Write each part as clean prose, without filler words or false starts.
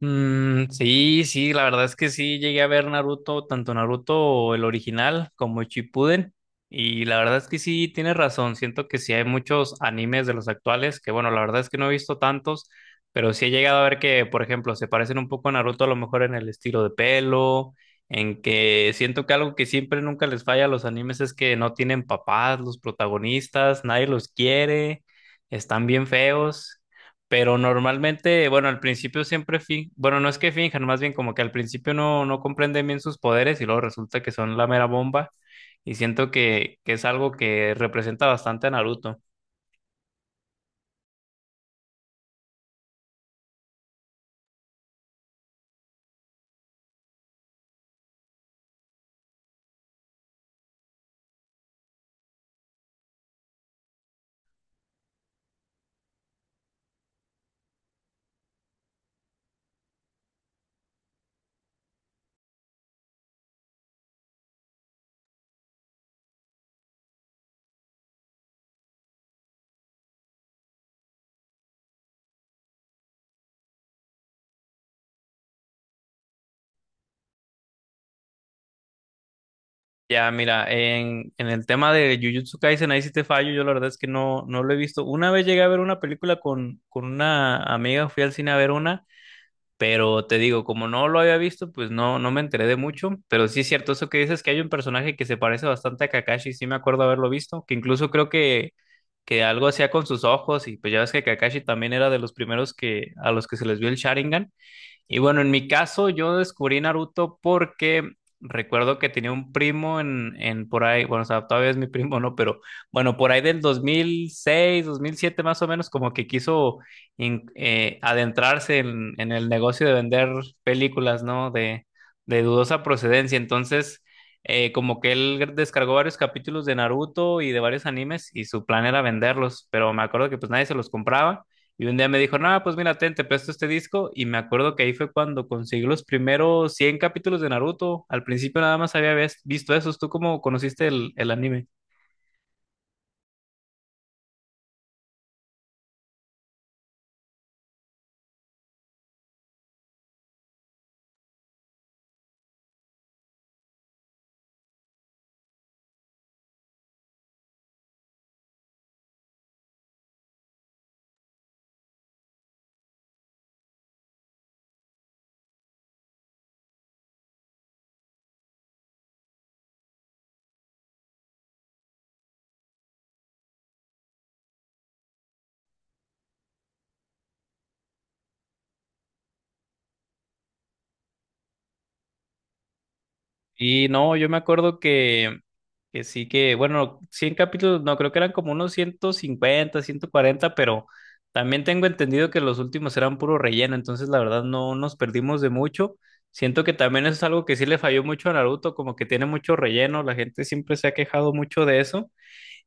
Mm, sí, sí, la verdad es que sí llegué a ver Naruto, tanto Naruto el original como Shippuden, y la verdad es que sí tienes razón, siento que sí hay muchos animes de los actuales, que bueno, la verdad es que no he visto tantos, pero sí he llegado a ver que, por ejemplo, se parecen un poco a Naruto a lo mejor en el estilo de pelo, en que siento que algo que siempre nunca les falla a los animes es que no tienen papás, los protagonistas, nadie los quiere, están bien feos. Pero normalmente, bueno, al principio siempre bueno, no es que finjan, más bien como que al principio no comprenden bien sus poderes y luego resulta que son la mera bomba. Y siento que es algo que representa bastante a Naruto. Ya, mira, en el tema de Jujutsu Kaisen, ahí sí te fallo, yo la verdad es que no lo he visto. Una vez llegué a ver una película con una amiga, fui al cine a ver una. Pero te digo, como no lo había visto, pues no me enteré de mucho. Pero sí es cierto eso que dices que hay un personaje que se parece bastante a Kakashi. Sí me acuerdo haberlo visto, que incluso creo que algo hacía con sus ojos. Y pues ya ves que Kakashi también era de los primeros a los que se les vio el Sharingan. Y bueno, en mi caso, yo descubrí Naruto porque recuerdo que tenía un primo en por ahí, bueno, o sea, todavía es mi primo, ¿no? Pero bueno, por ahí del dos mil seis, 2007, más o menos, como que quiso adentrarse en el negocio de vender películas, ¿no? De dudosa procedencia. Entonces, como que él descargó varios capítulos de Naruto y de varios animes y su plan era venderlos, pero me acuerdo que pues nadie se los compraba. Y un día me dijo, no, pues mira, ten, te presto este disco. Y me acuerdo que ahí fue cuando conseguí los primeros 100 capítulos de Naruto. Al principio nada más había visto esos. ¿Tú cómo conociste el anime? Y no, yo me acuerdo que sí que, bueno, 100 capítulos, no, creo que eran como unos 150 140 pero también tengo entendido que los últimos eran puro relleno. Entonces, la verdad, no nos perdimos de mucho. Siento que también eso es algo que sí le falló mucho a Naruto, como que tiene mucho relleno. La gente siempre se ha quejado mucho de eso.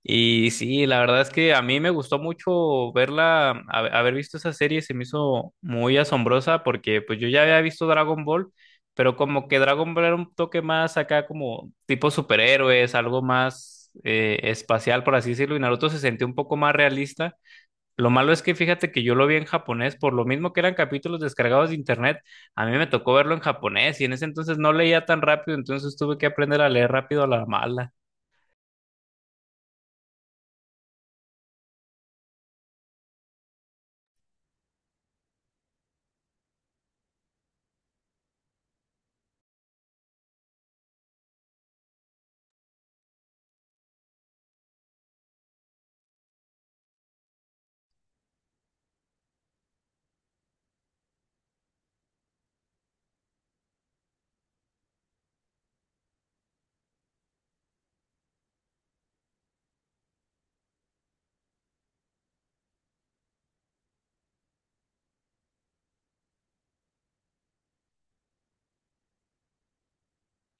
Y sí, la verdad es que a mí me gustó mucho verla, haber visto esa serie se me hizo muy asombrosa porque pues yo ya había visto Dragon Ball, pero como que Dragon Ball era un toque más acá como tipo superhéroes, algo más espacial por así decirlo, y Naruto se sentía un poco más realista. Lo malo es que fíjate que yo lo vi en japonés, por lo mismo que eran capítulos descargados de internet, a mí me tocó verlo en japonés y en ese entonces no leía tan rápido, entonces tuve que aprender a leer rápido a la mala.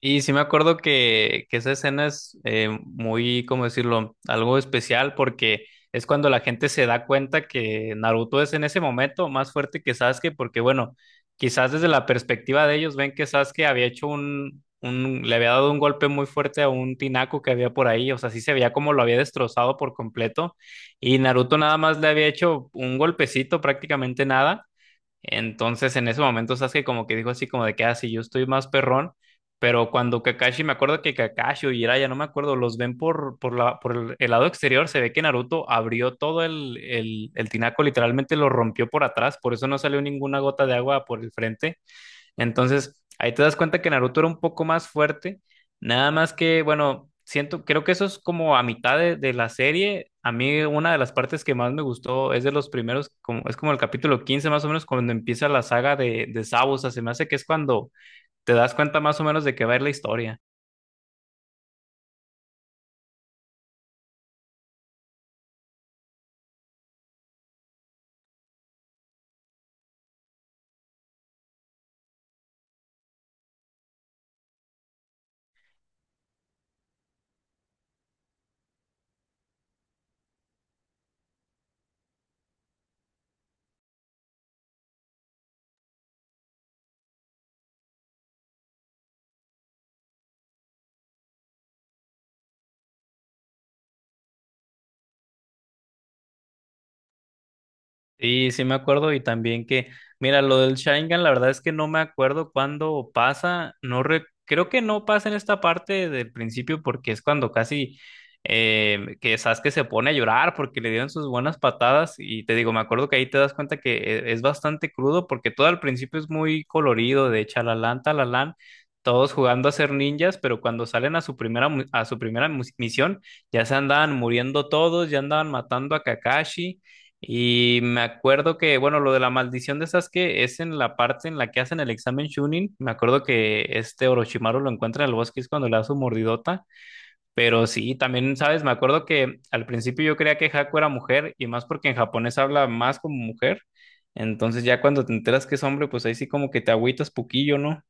Y sí me acuerdo que esa escena es muy, ¿cómo decirlo?, algo especial porque es cuando la gente se da cuenta que Naruto es en ese momento más fuerte que Sasuke, porque bueno, quizás desde la perspectiva de ellos ven que Sasuke había hecho le había dado un golpe muy fuerte a un tinaco que había por ahí, o sea, sí se veía como lo había destrozado por completo, y Naruto nada más le había hecho un golpecito, prácticamente nada. Entonces, en ese momento Sasuke como que dijo así como de que, así yo estoy más perrón, pero cuando Kakashi, me acuerdo que Kakashi o Jiraiya, no me acuerdo, los ven por el lado exterior, se ve que Naruto abrió todo el tinaco, literalmente lo rompió por atrás, por eso no salió ninguna gota de agua por el frente. Entonces, ahí te das cuenta que Naruto era un poco más fuerte, nada más que, bueno, creo que eso es como a mitad de la serie. A mí una de las partes que más me gustó es de los primeros, como, es como el capítulo 15 más o menos, cuando empieza la saga de Zabuza, se me hace que es cuando te das cuenta más o menos de qué va a ir la historia. Sí, sí me acuerdo y también que, mira, lo del Sharingan, la verdad es que no me acuerdo cuándo pasa, creo que no pasa en esta parte del principio porque es cuando casi que Sasuke se pone a llorar porque le dieron sus buenas patadas y te digo, me acuerdo que ahí te das cuenta que es bastante crudo porque todo al principio es muy colorido, de chalalán, talalán, todos jugando a ser ninjas, pero cuando salen a su primera misión ya se andaban muriendo todos, ya andaban matando a Kakashi. Y me acuerdo que, bueno, lo de la maldición de Sasuke es en la parte en la que hacen el examen Chunin. Me acuerdo que este Orochimaru lo encuentra en el bosque, es cuando le da su mordidota. Pero sí, también, ¿sabes? Me acuerdo que al principio yo creía que Haku era mujer y más porque en japonés habla más como mujer. Entonces ya cuando te enteras que es hombre, pues ahí sí como que te agüitas poquillo, ¿no?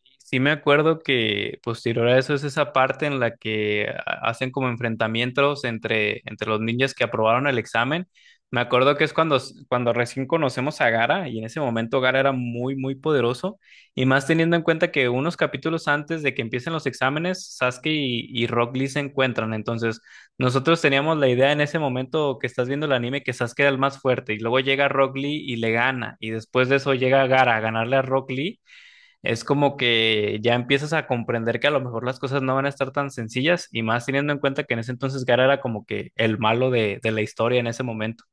Sí, sí me acuerdo que posterior a eso es esa parte en la que hacen como enfrentamientos entre los ninjas que aprobaron el examen. Me acuerdo que es cuando recién conocemos a Gara y en ese momento Gara era muy, muy poderoso. Y más teniendo en cuenta que unos capítulos antes de que empiecen los exámenes, Sasuke y Rock Lee se encuentran. Entonces, nosotros teníamos la idea en ese momento que estás viendo el anime que Sasuke era el más fuerte y luego llega Rock Lee y le gana. Y después de eso llega Gara a ganarle a Rock Lee es como que ya empiezas a comprender que a lo mejor las cosas no van a estar tan sencillas y más teniendo en cuenta que en ese entonces Gara era como que el malo de la historia en ese momento.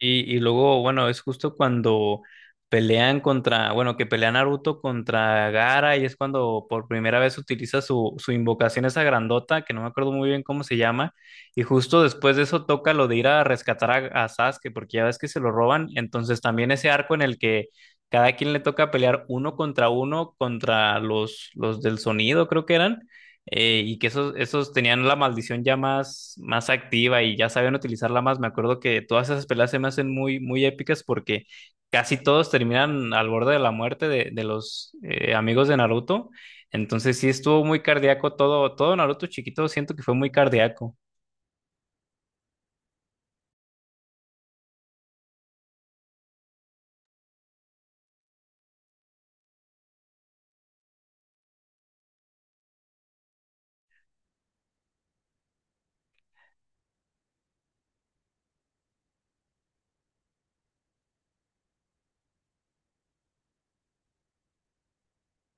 Y luego, bueno, es justo cuando pelean contra, bueno, que pelea Naruto contra Gaara y es cuando por primera vez utiliza su invocación esa grandota, que no me acuerdo muy bien cómo se llama, y justo después de eso toca lo de ir a rescatar a Sasuke, porque ya ves que se lo roban, entonces también ese arco en el que cada quien le toca pelear uno contra los del sonido, creo que eran y que esos tenían la maldición ya más activa y ya sabían utilizarla más. Me acuerdo que todas esas peleas se me hacen muy, muy épicas porque casi todos terminan al borde de la muerte de los amigos de Naruto. Entonces sí estuvo muy cardíaco todo, todo Naruto chiquito, siento que fue muy cardíaco.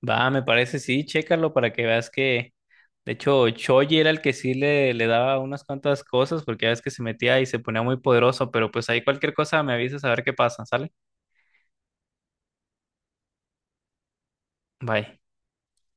Va, me parece, sí, chécalo para que veas que, de hecho, Choji era el que sí le daba unas cuantas cosas porque ya ves que se metía y se ponía muy poderoso, pero pues ahí cualquier cosa me avisas a ver qué pasa, ¿sale? Bye.